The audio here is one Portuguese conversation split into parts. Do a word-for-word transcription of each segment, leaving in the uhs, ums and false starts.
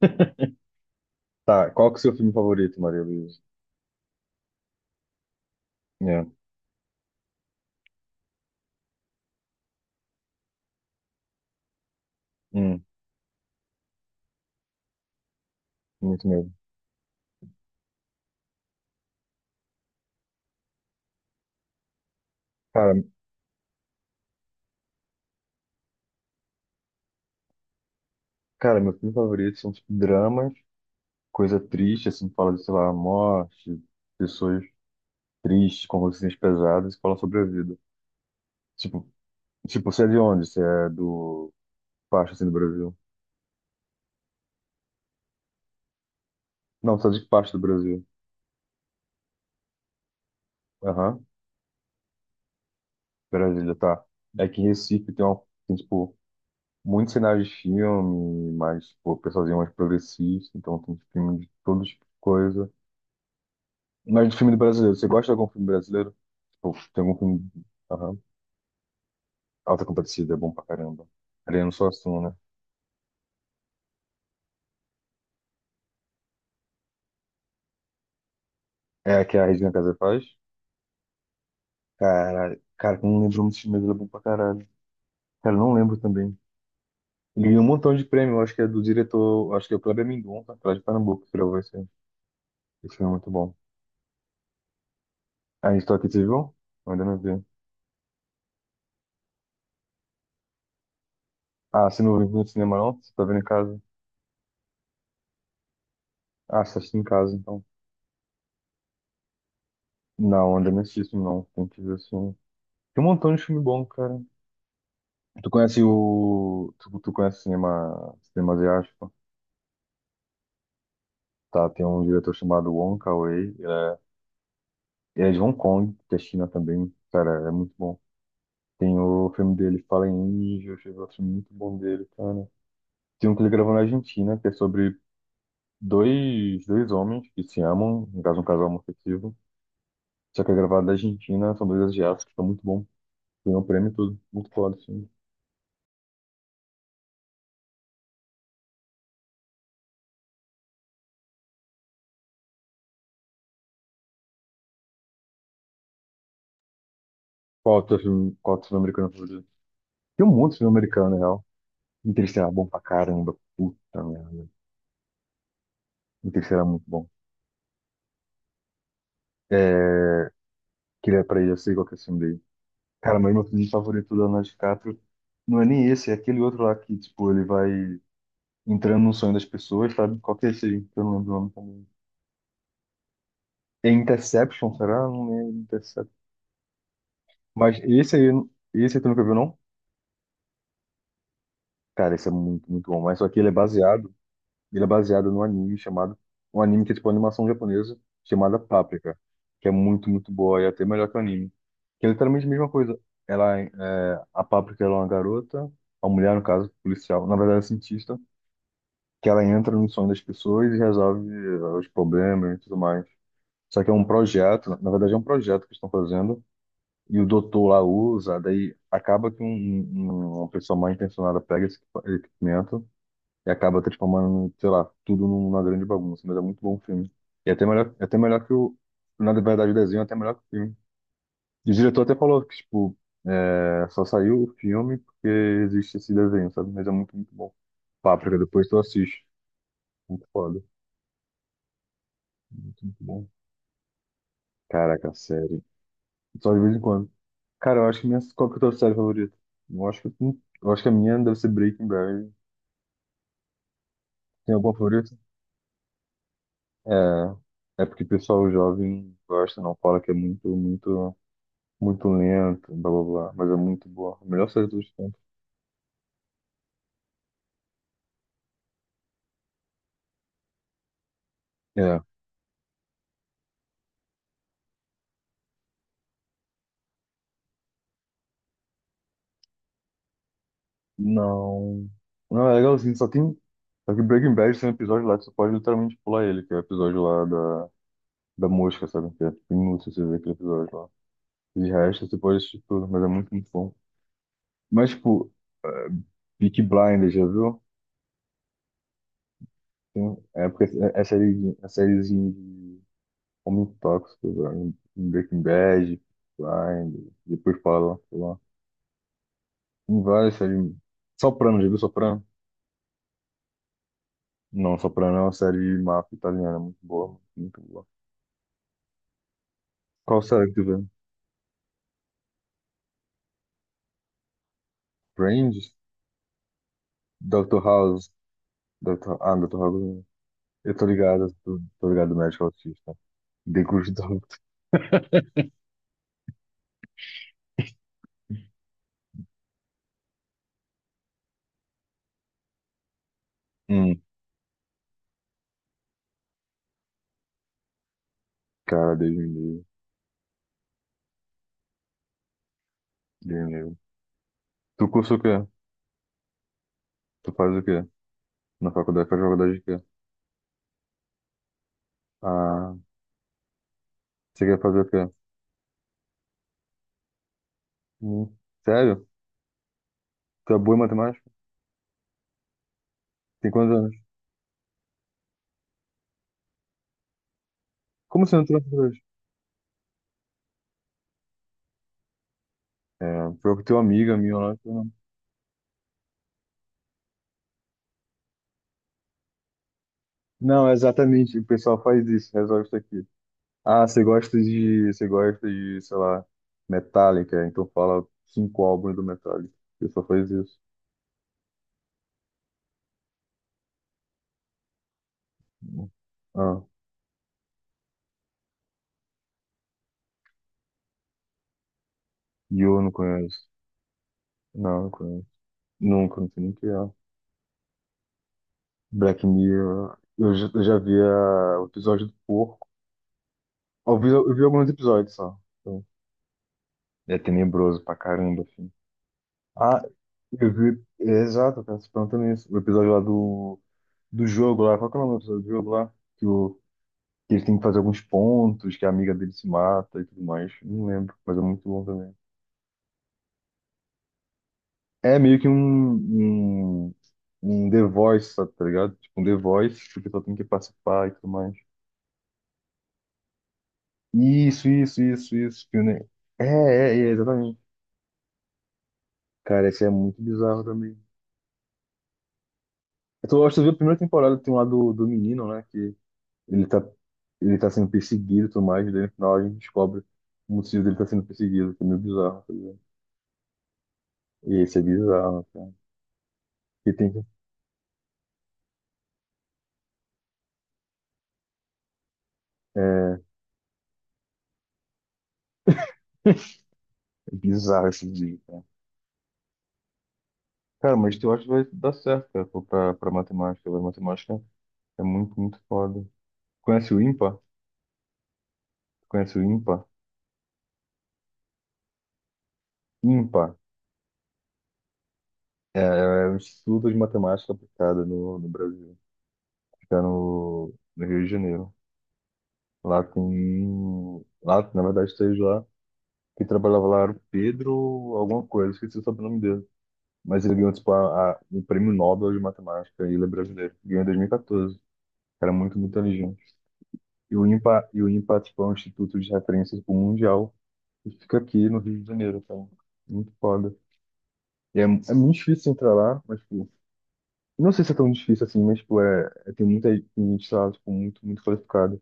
Tá, qual que é o seu filme favorito, Maria Luísa? É, hum, muito mesmo. Cara, cara, meu filme favorito são tipo, dramas, coisa triste, assim, que fala de, sei lá, morte, pessoas tristes, com consciências pesadas, que fala sobre a vida. Tipo, tipo, você é de onde? Você é do parte, assim, do Brasil? Não, você é de que parte do Brasil? Aham, Brasília, tá. É que em Recife tem, um, tem, tipo, muitos sinais de filme, mas, tipo, o pessoalzinho é mais progressista, então tem tipo, filme de todo tipo de coisa. Mas do filme brasileiro, você gosta de algum filme brasileiro? Tipo, tem algum filme. Aham. Alta Compadecida é bom pra caramba. Ariano Suassuna, né? É a que a Regina Casé faz? Cara, cara, eu não lembro muito de mas é bom pra caralho. Cara, eu não lembro também. Ele ganhou um montão de prêmio, acho que é do diretor, acho que é o Kleber Mendonça, tá lá de Pernambuco, que gravou esse, esse filme é muito bom. A estou aqui, você viu? Eu ainda não vi. Ah, você não viu no cinema, não? Você tá vendo em casa? Ah, você assiste em casa, então. Não, ainda não assisti isso, não. Tem que ver assim. Tem um montão de filme bom, cara. Tu conhece o. Tu, tu conhese cinema, cinema asiático? Tá, tem um diretor chamado Wong Kar-wai. Ele é, ele é de Hong Kong, que é China também. Cara, é muito bom. Tem o filme dele, Fallen Angels, eu gosto muito bom dele, cara. Tem um que ele gravou na Argentina, que é sobre dois, dois homens que se amam, no caso, um casal homoafetivo. Só que é gravado na Argentina, são dois asiáticos, tá muito bom. Ganhou um prêmio e tudo. Muito foda, assim. Qual o teu filme, qual o teu filme americano favorito? Tem um monte de filme americano, né? Interestelar é bom pra caramba. Puta merda. Interestelar é muito bom. É... Queria pra ele, eu sei qual que é o filme dele. Cara, mas meu filme favorito do Leonardo DiCaprio não é nem esse, é aquele outro lá que, tipo, ele vai entrando no sonho das pessoas, sabe? Qual que é esse aí? Que eu não lembro o nome também. É Interception, será? Não é Interception. Mas esse aí, esse aí tu nunca viu, não? Cara, esse é muito, muito bom. Mas só que ele é baseado Ele é baseado num anime chamado. Um anime que é tipo uma animação japonesa chamada Paprika, que é muito, muito boa e é até melhor que o anime. Que é literalmente a mesma coisa. Ela, é- é, a Paprika ela é uma garota, uma mulher, no caso, policial, na verdade, é cientista, que ela entra no sonho das pessoas e resolve eh, os problemas e tudo mais. Só que é um projeto, na verdade, é um projeto que estão fazendo, e o doutor lá usa, daí acaba que um, um- uma pessoa mal intencionada pega esse equipamento e acaba transformando, sei lá, tudo numa grande bagunça. Mas é muito bom o filme. E até melhor, é até melhor que o. Na verdade, o desenho é até melhor que o filme. E o diretor até falou que, tipo, é, só saiu o filme porque existe esse desenho, sabe? Mas é muito, muito bom. Páprica, depois tu assiste. Muito foda. Muito, muito bom. Caraca, série. Só de vez em quando. Cara, eu acho que minha. Qual que é a tua série favorita? Eu acho que, hum, eu acho que a minha deve ser Breaking Bad. Tem alguma favorita? É. É porque o pessoal jovem gosta, não fala que é muito, muito. Muito lenta, blá blá blá, mas é muito boa. A melhor série dos tempos. É. Não. Não, é legalzinho, só tem. Só que Breaking Bad tem um episódio lá que você pode literalmente pular ele, que é o episódio lá da, da mosca, sabe? Que é tipo, inútil você ver aquele episódio lá. De resto, você pode assistir tudo, mas é muito, muito bom. Mas, tipo, uh, Peaky Blinders, já viu? Tem, um, é porque é, é série, é sériezinha de Homem Tóxico, velho. Breaking Bad, Blinders, depois fala lá. Tem várias séries. Soprano, já viu Soprano? Não, Soprano é uma série de máfia italiana, muito boa, muito boa. Qual série que tu vê? Friends? Doctor House? Doctor Ah, doutor House. Eu tô ligado, tô, tô ligado, médico autista. The Good Doctor. Hum, cara, Deus me livre, Deus me livre. Tu cursa o quê? Tu faz o quê? Na faculdade, faz faculdade de quê? Ah, você quer fazer o quê? Hum, sério? Tu é boa em matemática? Tem quantos anos? Como você não entrou na faculdade? É, foi com teu amiga, minha, lá. Não, exatamente. O pessoal faz isso, resolve isso aqui. Ah, você gosta de, você gosta de, sei lá, Metallica, então fala cinco álbuns do Metallica. O pessoal faz isso. Ah, Yo não conheço. Não, não conheço. Nunca, não sei nem o que é. Black Mirror. Eu já, eu já vi a- o episódio do porco. Eu vi, eu vi alguns episódios só. Então, é tenebroso pra caramba, assim. Ah, eu vi. É, exato, eu tava se perguntando isso. O episódio lá do, do jogo lá. Qual que é o nome do episódio do jogo lá? Que ele tem que fazer alguns pontos, que a amiga dele se mata e tudo mais. Não lembro, mas é muito bom também. É meio que um, um, um The Voice, sabe, tá ligado? Tipo, um The Voice, porque só tem que participar e tudo mais. Isso, isso, isso, isso. Que o É, é, é, exatamente. Cara, esse é muito bizarro também. Eu tô- eu acho que eu vi a primeira temporada, tem lá do, do menino, né? Que ele tá, ele tá sendo perseguido e tudo mais, e daí no final a gente descobre o motivo dele tá sendo perseguido, que é meio bizarro, tá ligado? E esse é bizarro, cara. E tem que. É. É bizarro esse dia, cara. Cara, mas eu acho que vai dar certo, cara, pô, pra, pra matemática. Vai matemática é muito, muito foda. Conhece o IMPA? Conhece o IMPA? IMPA é, é o Instituto de Matemática Aplicada no, no Brasil. Fica no, no Rio de Janeiro. Lá tem... Lá, na verdade, esteve lá. Que trabalhava lá era o Pedro alguma coisa. Esqueci o sobrenome dele. Mas ele ganhou, tipo, a, a, o Prêmio Nobel de Matemática. E ele é brasileiro. Ganhou em dois mil e quatorze. Era muito, muito inteligente. E o IMPA, e o IMPA, tipo, é um instituto de referência tipo, mundial e fica aqui no Rio de Janeiro, cara. Muito foda. E é, é muito difícil entrar lá, mas, tipo, não sei se é tão difícil assim, mas, tipo, é, é- tem muita gente lá, tipo, muito, muito qualificada.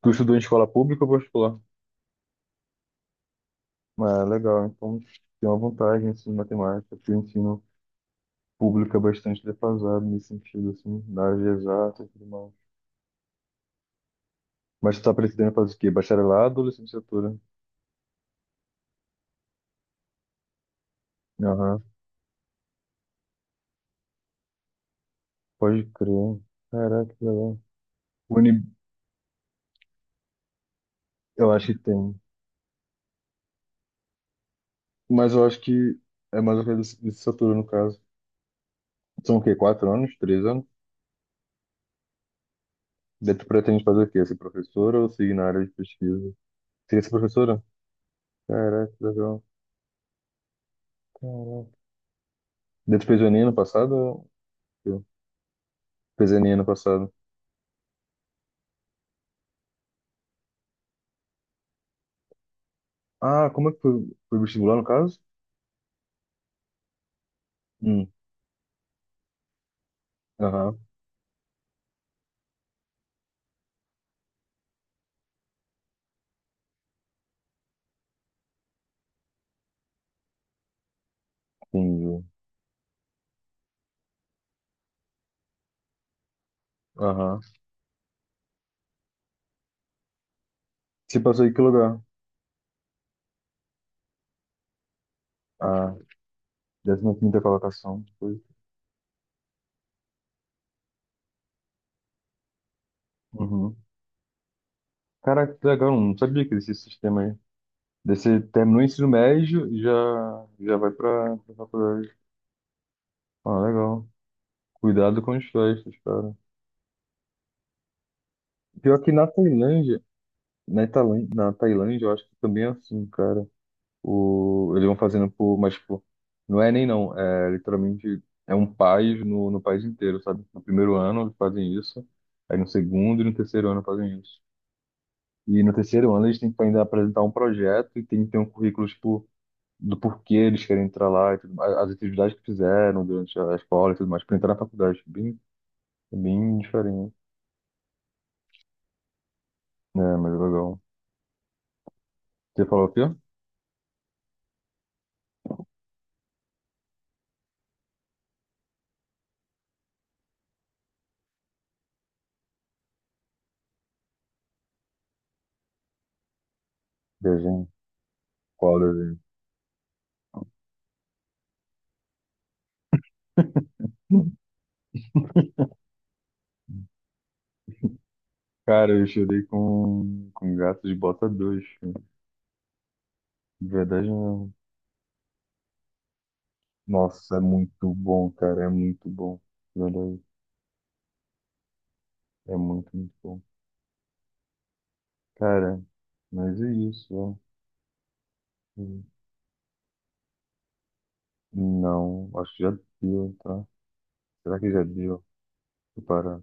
Tu estudou em escola pública ou particular? Mas é legal, então tem uma vantagem, assim, em matemática, porque o ensino público é bastante defasado nesse sentido, assim, na área de exatas e tudo mais. Mas tu tá pretendendo fazer o quê? Bacharelado ou licenciatura? Aham, pode crer. Caraca, que legal. Eu acho que tem. Mas eu acho que é mais ou menos de licenciatura, no caso. São o quê? Quatro anos? Três anos? Daí tu pretende fazer o quê? Ser professora ou seguir na área de pesquisa? Seria ser professora? Caraca, que legal. Caraca. Daí tu fez o Enem ano passado? ou- Eu. Fez o Enem ano passado. Ah, como é que foi? Foi vestibular, no caso? Hum. Aham, entendi. Aham. Você passou em que lugar? Ah, décima quinta colocação. Foi. Uhum. Caraca, que legal. Não sabia que existia esse sistema aí. Daí você terminou o ensino médio e já, já vai pra, pra faculdade. Ah, legal. Cuidado com as festas, cara. Pior que na Tailândia, na Tailândia, na Tailândia, eu acho que também é assim, cara. O, eles vão fazendo por, mas tipo, não é nem não, é literalmente é um país no, no país inteiro, sabe? No primeiro ano eles fazem isso, aí no segundo e no terceiro ano fazem isso. E no terceiro ano eles têm que ainda apresentar um projeto e tem que ter um currículo, tipo, do porquê eles querem entrar lá e tudo mais, as atividades que fizeram durante a escola e tudo mais, para entrar na faculdade, bem, bem diferente, né? Mas é legal. Você falou o quê? Desenho. Qual desenho? Hum. Cara, eu chorei com, com Gato de Bota dois cara. De verdade mesmo. Nossa, é muito bom, cara, é muito bom, de verdade, é muito, muito bom. Cara, mas é isso, ó. Hum. Não, acho que já deu, tá? Será que já deu? Vou parar.